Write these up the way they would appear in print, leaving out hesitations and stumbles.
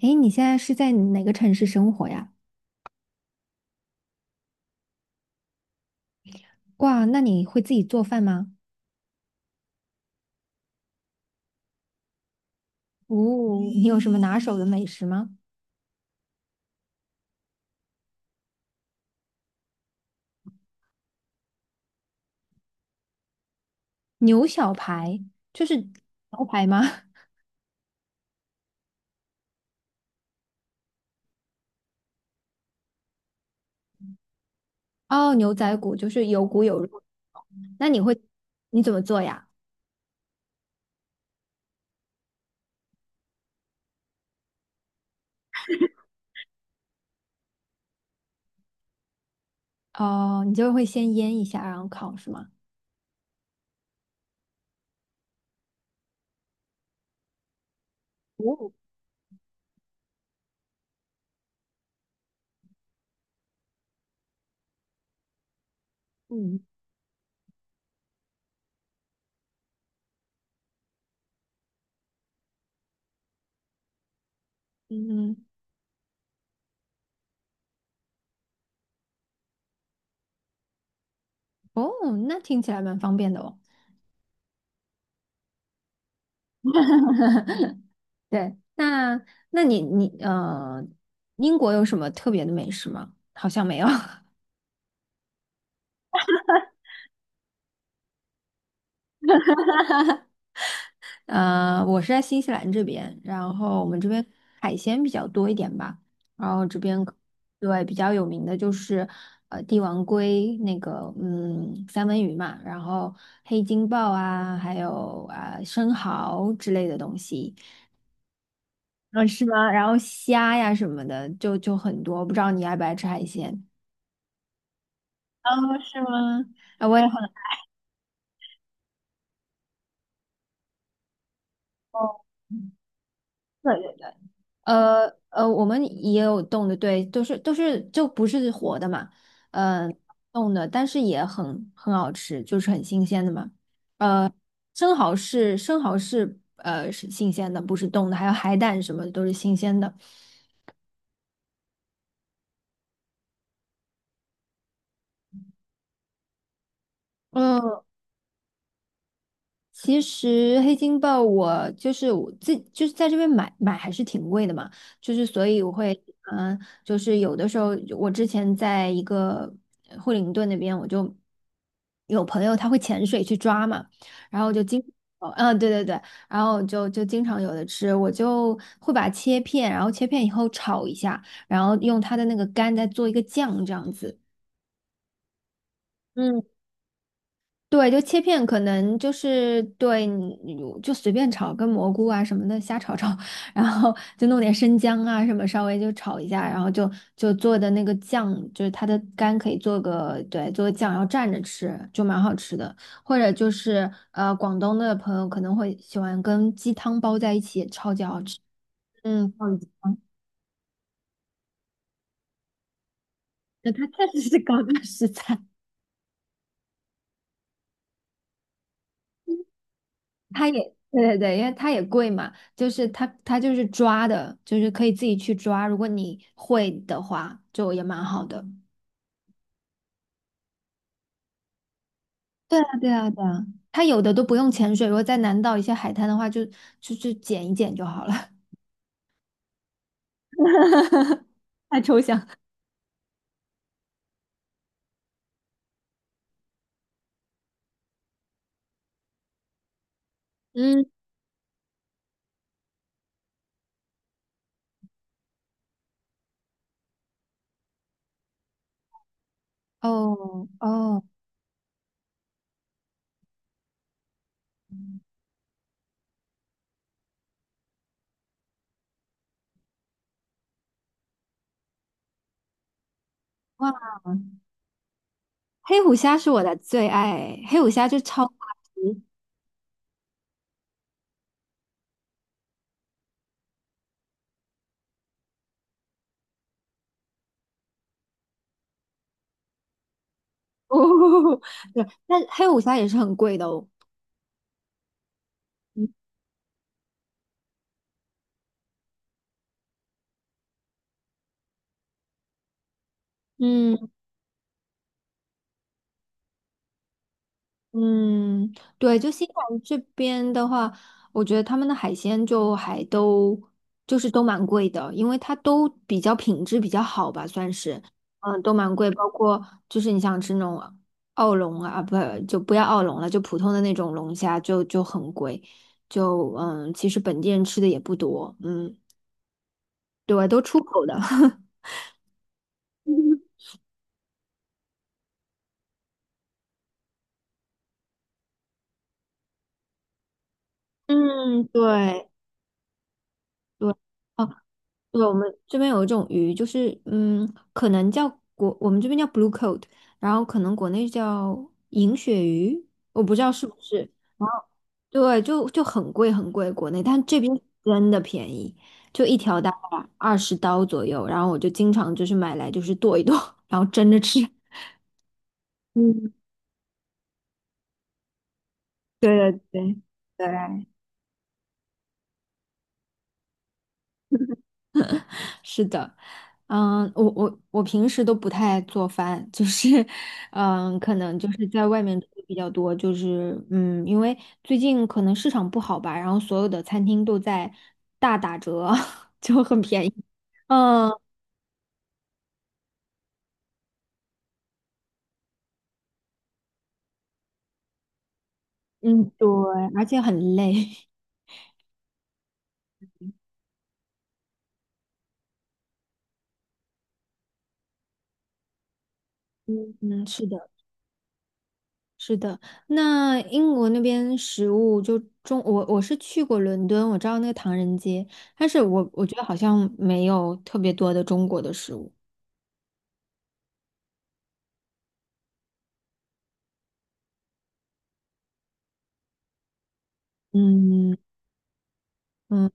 诶，你现在是在哪个城市生活呀？哇，那你会自己做饭吗？哦，你有什么拿手的美食吗？牛小排就是牛排吗？哦，牛仔骨就是有骨有肉。那你会你怎么做呀？哦，你就会先腌一下，然后烤是吗？哦，嗯嗯，哦，那听起来蛮方便的哦。对，那你英国有什么特别的美食吗？好像没有。我是在新西兰这边，然后我们这边海鲜比较多一点吧，然后这边对比较有名的就是帝王鲑那个三文鱼嘛，然后黑金鲍啊，还有啊、生蚝之类的东西，嗯是吗？然后虾呀什么的就很多，不知道你爱不爱吃海鲜？哦，是吗？啊，我也很爱。哦，对对对。我们也有冻的，对，都是就不是活的嘛，呃，冻的，但是也很好吃，就是很新鲜的嘛。呃，生蚝是新鲜的，不是冻的，还有海胆什么的都是新鲜的。嗯，其实黑金豹我就是我自就是在这边买还是挺贵的嘛，就是所以我会嗯、呃就是有的时候我之前在一个惠灵顿那边，我就有朋友他会潜水去抓嘛，然后就经哦嗯对对对，然后就经常有的吃，我就会把它切片，然后切片以后炒一下，然后用它的那个干再做一个酱这样子。嗯。对，就切片，可能就是对，你就随便炒，跟蘑菇啊什么的瞎炒炒，然后就弄点生姜啊什么，稍微就炒一下，然后就做的那个酱，就是它的干可以做个对，做个酱，然后蘸着吃，就蛮好吃的。或者就是广东的朋友可能会喜欢跟鸡汤包在一起，超级好吃。嗯，鲍鱼鸡汤 确实是高档食材。它也对对对，因为它也贵嘛，就是它就是抓的，就是可以自己去抓，如果你会的话，就也蛮好的。对啊，对啊，对啊，它有的都不用潜水，如果在南岛一些海滩的话，就捡一捡就好了。太抽象。嗯，哦哦，哇，黑虎虾是我的最爱，黑虎虾就超大只 哦，对，但黑虎虾也是很贵的哦。嗯。嗯嗯，对，就新西兰这边的话，我觉得他们的海鲜就还都就是都蛮贵的，因为它都比较品质比较好吧，算是，嗯，都蛮贵，包括就是你想吃那种澳龙啊，不就不要澳龙了，就普通的那种龙虾就很贵，就其实本地人吃的也不多，嗯，对，都出口的，嗯，对对。哦对，我们这边有一种鱼，就是可能叫国，我们这边叫 blue coat，然后可能国内叫银鳕鱼，我不知道是不是。然后对，就很贵很贵，国内，但这边真的便宜，就一条大概20刀左右。然后我就经常就是买来就是剁一剁，然后蒸着吃。嗯，对对对对。是的，嗯，我平时都不太做饭，就是，嗯，可能就是在外面吃比较多，就是因为最近可能市场不好吧，然后所有的餐厅都在大打折，就很便宜。嗯嗯，对，而且很累。嗯嗯，是的，是的。那英国那边食物我是去过伦敦，我知道那个唐人街，但是我觉得好像没有特别多的中国的食物。嗯嗯，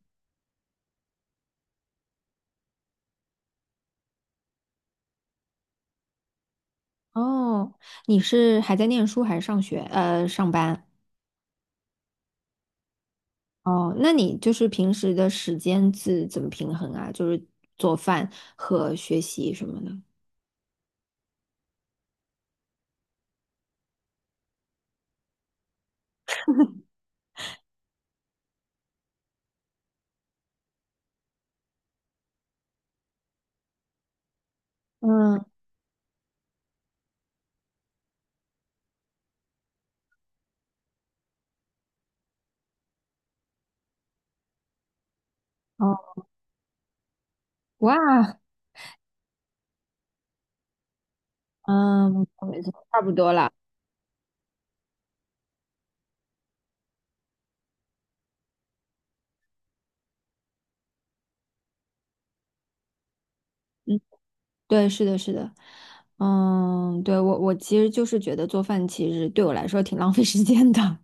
哦，你是还在念书还是上学？上班。哦，那你就是平时的时间是怎么平衡啊？就是做饭和学习什么的。嗯，哦，哇，嗯，没错没错差不多了。嗯，对，是的，是的。嗯，对，我其实就是觉得做饭其实对我来说挺 浪费时间的。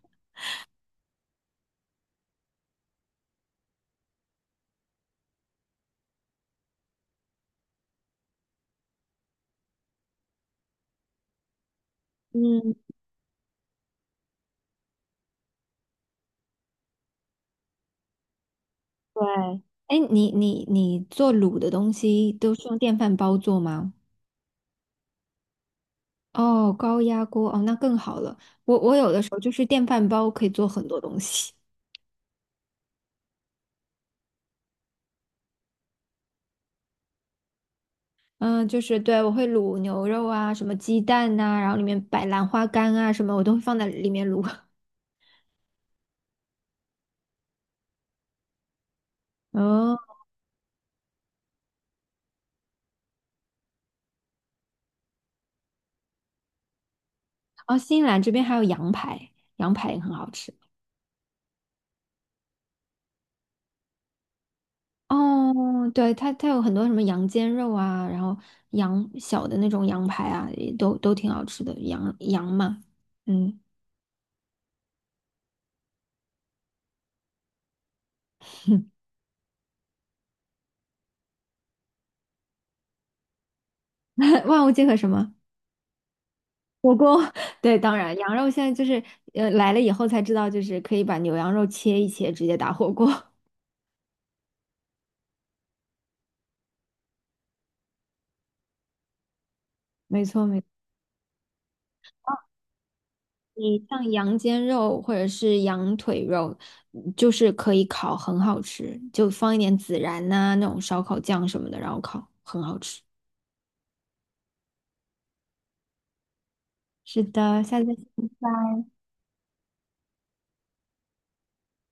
嗯，对。哎，你做卤的东西都是用电饭煲做吗？哦，高压锅哦，那更好了。我有的时候就是电饭煲可以做很多东西，嗯，就是对我会卤牛肉啊，什么鸡蛋呐、然后里面摆兰花干啊什么，我都会放在里面卤。哦哦，新西兰这边还有羊排，羊排也很好吃。哦，对，它有很多什么羊肩肉啊，然后羊小的那种羊排啊，也都挺好吃的，羊羊嘛，嗯，万物皆可什么。火锅，对，当然，羊肉现在就是，来了以后才知道，就是可以把牛羊肉切一切，直接打火锅。没错，没错。你像羊肩肉或者是羊腿肉，就是可以烤，很好吃，就放一点孜然呐、那种烧烤酱什么的，然后烤，很好吃。是的，下次再见。